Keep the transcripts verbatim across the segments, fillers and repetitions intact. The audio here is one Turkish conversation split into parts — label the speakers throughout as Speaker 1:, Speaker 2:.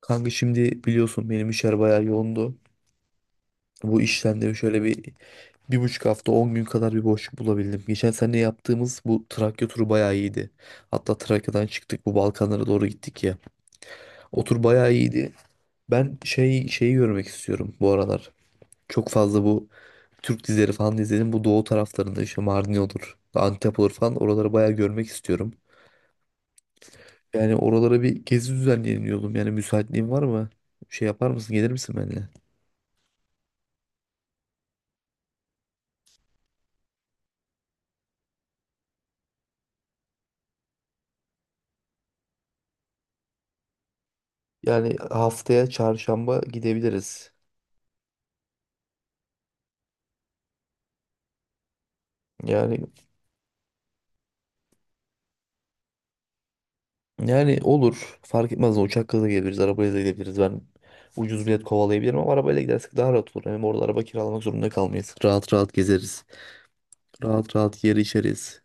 Speaker 1: Kanka şimdi biliyorsun benim işler bayağı yoğundu. Bu işten de şöyle bir, bir buçuk hafta on gün kadar bir boşluk bulabildim. Geçen sene yaptığımız bu Trakya turu bayağı iyiydi. Hatta Trakya'dan çıktık, bu Balkanlara doğru gittik ya. O tur bayağı iyiydi. Ben şey şeyi görmek istiyorum bu aralar. Çok fazla bu Türk dizileri falan izledim. Bu doğu taraflarında işte Mardin olur, Antep olur falan, oraları bayağı görmek istiyorum. Yani oralara bir gezi düzenleyelim diyordum. Yani müsaitliğin var mı? Şey yapar mısın? Gelir misin benimle? Yani haftaya çarşamba gidebiliriz. Yani yani olur. Fark etmez. Uçakla da gelebiliriz, arabayla da gidebiliriz. Ben ucuz bilet kovalayabilirim ama arabayla gidersek daha rahat olur. Hem orada araba kiralamak zorunda kalmayız. Rahat rahat gezeriz. Rahat rahat yer içeriz.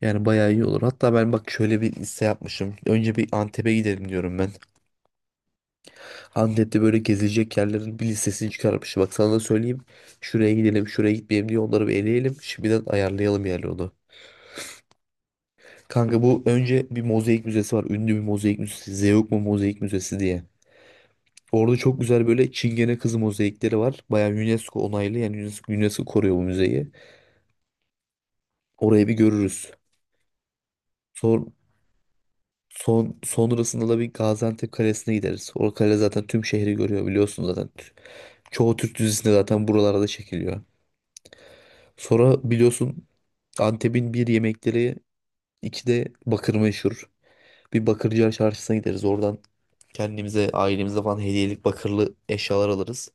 Speaker 1: Yani bayağı iyi olur. Hatta ben bak şöyle bir liste yapmışım. Önce bir Antep'e gidelim diyorum ben. Antep'te böyle gezilecek yerlerin bir listesini çıkarmış. Bak sana da söyleyeyim. Şuraya gidelim, şuraya gitmeyelim diye onları bir eleyelim. Şimdiden ayarlayalım yani onu. Kanka bu, önce bir mozaik müzesi var. Ünlü bir mozaik müzesi. Zeugma Mozaik Müzesi diye. Orada çok güzel böyle Çingene kızı mozaikleri var. Bayağı UNESCO onaylı, yani UNESCO, UNESCO koruyor bu müzeyi. Orayı bir görürüz. Son, son, sonrasında da bir Gaziantep Kalesi'ne gideriz. O kale zaten tüm şehri görüyor biliyorsun zaten. Çoğu Türk dizisinde zaten buralarda çekiliyor. Sonra biliyorsun Antep'in bir yemekleri, iki de bakır meşhur. Bir Bakırcılar Çarşısı'na gideriz. Oradan kendimize, ailemize falan hediyelik bakırlı eşyalar alırız.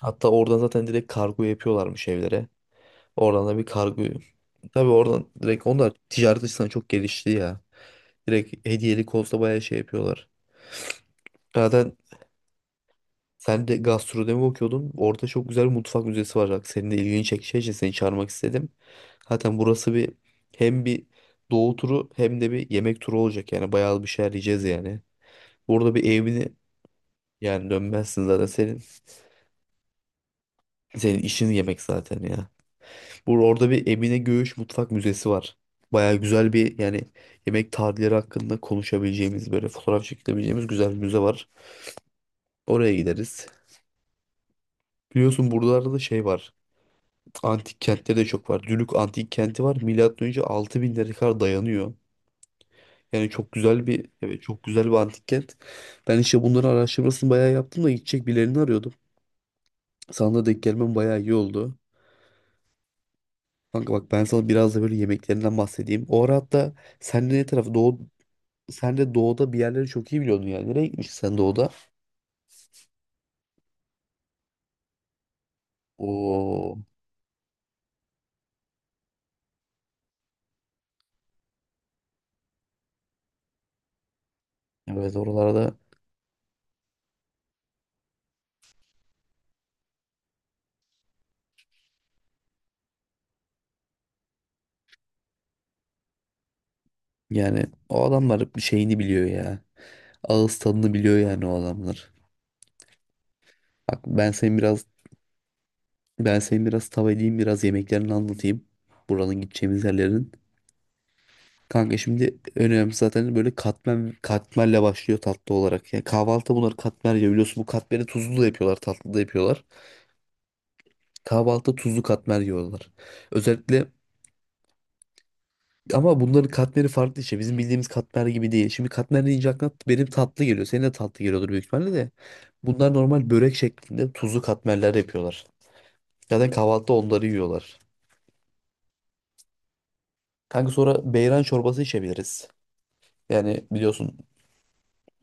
Speaker 1: Hatta oradan zaten direkt kargo yapıyorlarmış evlere. Oradan da bir kargoyu. Tabii oradan direkt onlar ticaret açısından çok gelişti ya. Direkt hediyelik olsa bayağı şey yapıyorlar. Zaten sen de gastronomi okuyordun. Orada çok güzel bir mutfak müzesi var. Bak, senin de ilgini çekeceği için seni çağırmak istedim. Zaten burası bir, hem bir doğu turu hem de bir yemek turu olacak. Yani bayağı bir şeyler yiyeceğiz yani. Burada bir evine yani Dönmezsin zaten, senin senin işin yemek zaten ya. Burada orada bir Emine Göğüş Mutfak Müzesi var. Baya güzel bir, yani yemek tarihleri hakkında konuşabileceğimiz, böyle fotoğraf çekebileceğimiz güzel bir müze var. Oraya gideriz. Biliyorsun buralarda da şey var. Antik kentleri de çok var. Dülük Antik Kenti var. Milattan önce altı binlere kadar dayanıyor. Yani çok güzel bir, evet, çok güzel bir antik kent. Ben işte bunların araştırmasını bayağı yaptım da gidecek birilerini arıyordum. Sana da denk gelmem bayağı iyi oldu. Kanka bak, ben sana biraz da böyle yemeklerinden bahsedeyim. O ara hatta sen de ne tarafı doğu sen de doğuda bir yerleri çok iyi biliyordun yani. Nereye gitmiştin sen doğuda? Oo, evet, oralarda yani o adamlar bir şeyini biliyor ya. Ağız tadını biliyor yani o adamlar. Bak ben senin biraz ben senin biraz tav edeyim, biraz yemeklerini anlatayım. Buranın, gideceğimiz yerlerin. Kanka şimdi önemli, zaten böyle katmer, katmerle başlıyor tatlı olarak. Yani kahvaltı, bunlar katmer ya, biliyorsun bu katmeri tuzlu da yapıyorlar, tatlı da yapıyorlar. Kahvaltıda tuzlu katmer yiyorlar. Özellikle, ama bunların katmeri farklı işte. Bizim bildiğimiz katmer gibi değil. Şimdi katmer deyince aklına benim tatlı geliyor. Senin de tatlı geliyordur büyük ihtimalle de. Bunlar normal börek şeklinde tuzlu katmerler yapıyorlar. Zaten kahvaltıda onları yiyorlar. Kanka sonra beyran çorbası içebiliriz. Yani biliyorsun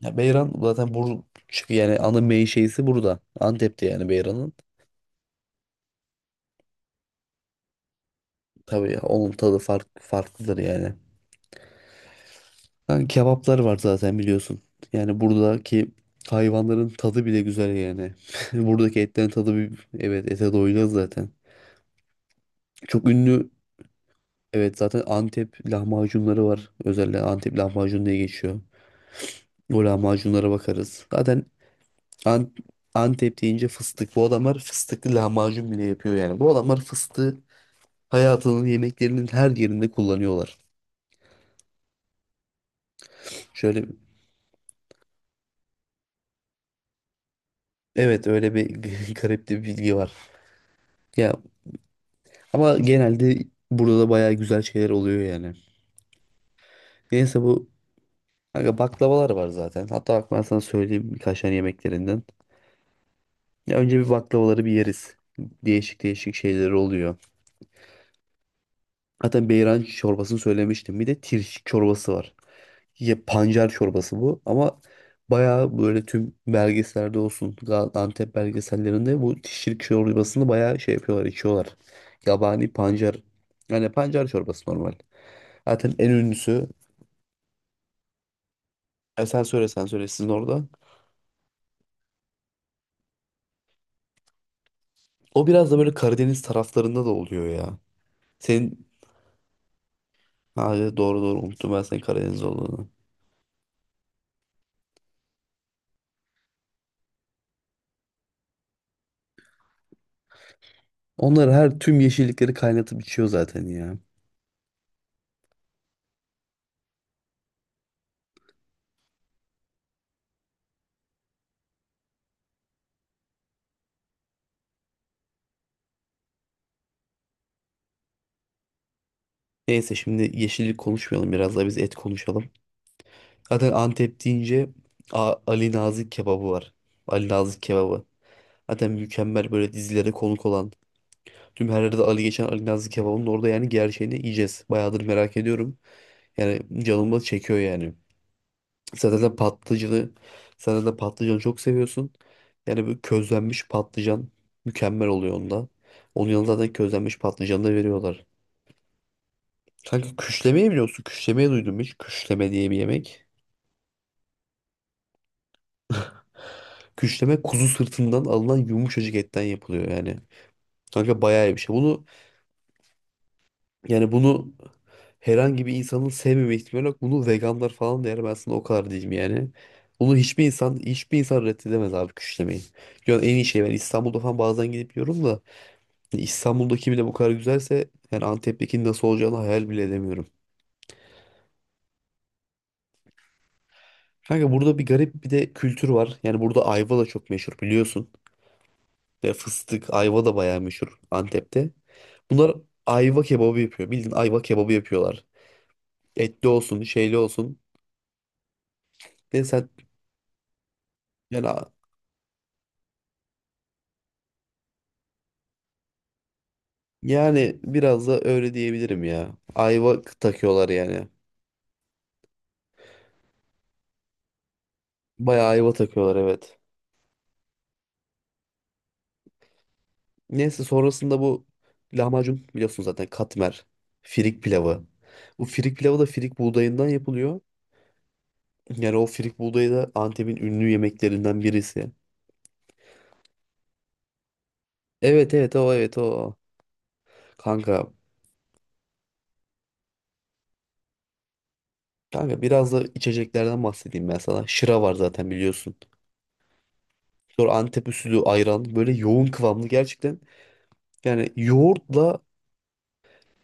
Speaker 1: ya, beyran zaten bur çünkü yani ana mey şeysi burada. Antep'te yani beyranın. Tabii ya, onun tadı fark, farklıdır yani. Yani kebaplar var zaten biliyorsun. Yani buradaki hayvanların tadı bile güzel yani. Buradaki etlerin tadı bir, evet, ete doyuyor zaten. Çok ünlü, evet, zaten Antep lahmacunları var. Özellikle Antep lahmacun diye geçiyor. O lahmacunlara bakarız. Zaten An- Antep deyince fıstık. Bu adamlar fıstıklı lahmacun bile yapıyor yani. Bu adamlar fıstığı hayatının yemeklerinin her yerinde kullanıyorlar. Şöyle evet, öyle bir garip de bir bilgi var. Ya, ama genelde burada da bayağı güzel şeyler oluyor yani. Neyse bu kanka baklavalar var zaten. Hatta bak, ben sana söyleyeyim birkaç tane yemeklerinden. Ya önce bir baklavaları bir yeriz. Değişik değişik şeyleri oluyor. Zaten beyran çorbasını söylemiştim. Bir de tirş çorbası var. Ya pancar çorbası bu ama bayağı böyle tüm belgesellerde olsun, Gal- Antep belgesellerinde bu tirş çorbasını bayağı şey yapıyorlar, içiyorlar. Yabani pancar. Yani pancar çorbası normal. Zaten en ünlüsü. E sen söyle, sen söyle, sizin orada. O biraz da böyle Karadeniz taraflarında da oluyor ya. Senin ha, evet, doğru, doğru, unuttum ben senin Karadeniz olduğunu. Onlar her tüm yeşillikleri kaynatıp içiyor zaten ya. Neyse şimdi yeşillik konuşmayalım, biraz da biz et konuşalım. Zaten Antep deyince A- Ali Nazik kebabı var. Ali Nazik kebabı. Zaten mükemmel, böyle dizilere konuk olan. Tüm her yerde Ali geçen, Ali Nazik kebabının orada yani gerçeğini yiyeceğiz. Bayağıdır merak ediyorum. Yani canımı çekiyor yani. Zaten de patlıcanı, zaten de patlıcanı çok seviyorsun. Yani böyle közlenmiş patlıcan mükemmel oluyor onda. Onun yanında zaten közlenmiş patlıcanı da veriyorlar. Kanka küşlemeyi biliyorsun. Küşlemeyi duydum hiç. Küşleme diye bir yemek. Küşleme kuzu sırtından alınan yumuşacık etten yapılıyor yani. Kanka bayağı iyi bir şey. Bunu yani bunu herhangi bir insanın sevmeme ihtimali yok. Bunu veganlar falan da yer. Ben sana o kadar diyeyim yani. Bunu hiçbir insan, hiçbir insan reddedemez abi küşlemeyi. Yani en iyi şey, ben İstanbul'da falan bazen gidip yiyorum da İstanbul'daki bile bu kadar güzelse yani Antep'teki nasıl olacağını hayal bile edemiyorum. Kanka burada bir garip bir de kültür var. Yani burada ayva da çok meşhur biliyorsun. Ve fıstık, ayva da bayağı meşhur Antep'te. Bunlar ayva kebabı yapıyor. Bildiğin ayva kebabı yapıyorlar. Etli olsun, şeyli olsun. Ve sen Yani, yani biraz da öyle diyebilirim ya. Ayva takıyorlar yani. Bayağı ayva takıyorlar, evet. Neyse sonrasında bu lahmacun biliyorsun, zaten katmer, firik pilavı. Bu firik pilavı da firik buğdayından yapılıyor. Yani o firik buğdayı da Antep'in ünlü yemeklerinden birisi. Evet, evet, o. Evet, o. Kanka, kanka biraz da içeceklerden bahsedeyim ben sana. Şıra var zaten biliyorsun. Sonra Antep usulü ayran, böyle yoğun kıvamlı gerçekten. Yani yoğurtla,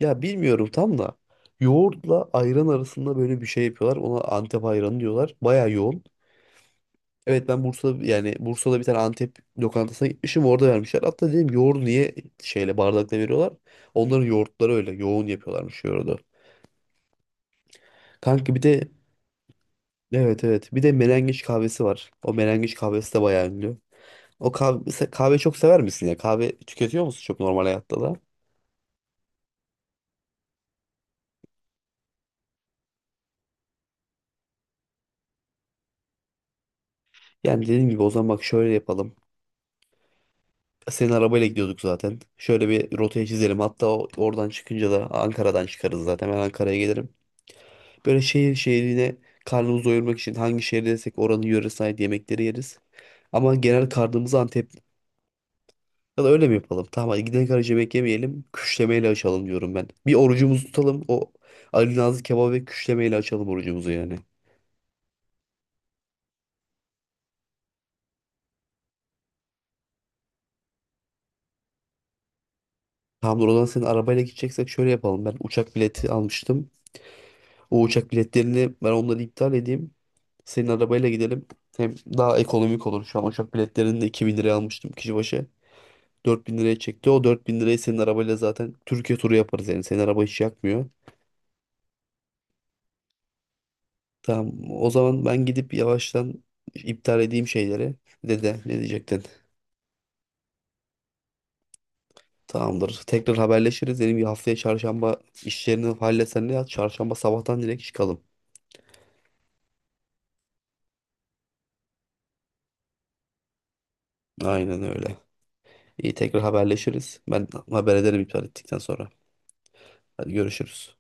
Speaker 1: ya bilmiyorum tam da, yoğurtla ayran arasında böyle bir şey yapıyorlar. Ona Antep ayranı diyorlar. Baya yoğun. Evet, ben Bursa'da, yani Bursa'da bir tane Antep lokantasına gitmişim, orada vermişler. Hatta dedim yoğurdu niye şeyle, bardakla veriyorlar? Onların yoğurtları, öyle yoğun yapıyorlarmış yoğurdu. Kanka bir de, evet, evet, bir de melengiç kahvesi var. O melengiç kahvesi de bayağı ünlü. O kahve, se- kahve çok sever misin ya? Kahve tüketiyor musun çok, normal hayatta da? Yani dediğim gibi, o zaman bak şöyle yapalım. Senin arabayla gidiyorduk zaten. Şöyle bir rotayı çizelim. Hatta o- oradan çıkınca da Ankara'dan çıkarız zaten. Ben Ankara'ya gelirim. Böyle şehir şehrine karnımızı doyurmak için hangi şehirdeysek oranın yöresine ait yemekleri yeriz. Ama genel karnımız Antep. Ya da öyle mi yapalım? Tamam, hadi gidene kadar hiç yemek yemeyelim. Küşlemeyle açalım diyorum ben. Bir orucumuzu tutalım. O Ali Nazlı kebabı ve küşlemeyle açalım orucumuzu yani. Tamamdır, o zaman senin arabayla gideceksek şöyle yapalım. Ben uçak bileti almıştım. O uçak biletlerini ben, onları iptal edeyim. Senin arabayla gidelim. Hem daha ekonomik olur. Şu an uçak biletlerini de iki bin liraya almıştım kişi başı. dört bin liraya çekti. O dört bin lirayı senin arabayla zaten Türkiye turu yaparız yani. Senin araba hiç yakmıyor. Tamam, o zaman ben gidip yavaştan iptal edeyim şeyleri. Dede ne diyecektin? Tamamdır. Tekrar haberleşiriz. Benim bir haftaya çarşamba işlerini halletsen ne yap? Çarşamba sabahtan direkt çıkalım. Aynen öyle. İyi, tekrar haberleşiriz. Ben haber ederim iptal ettikten sonra. Hadi görüşürüz.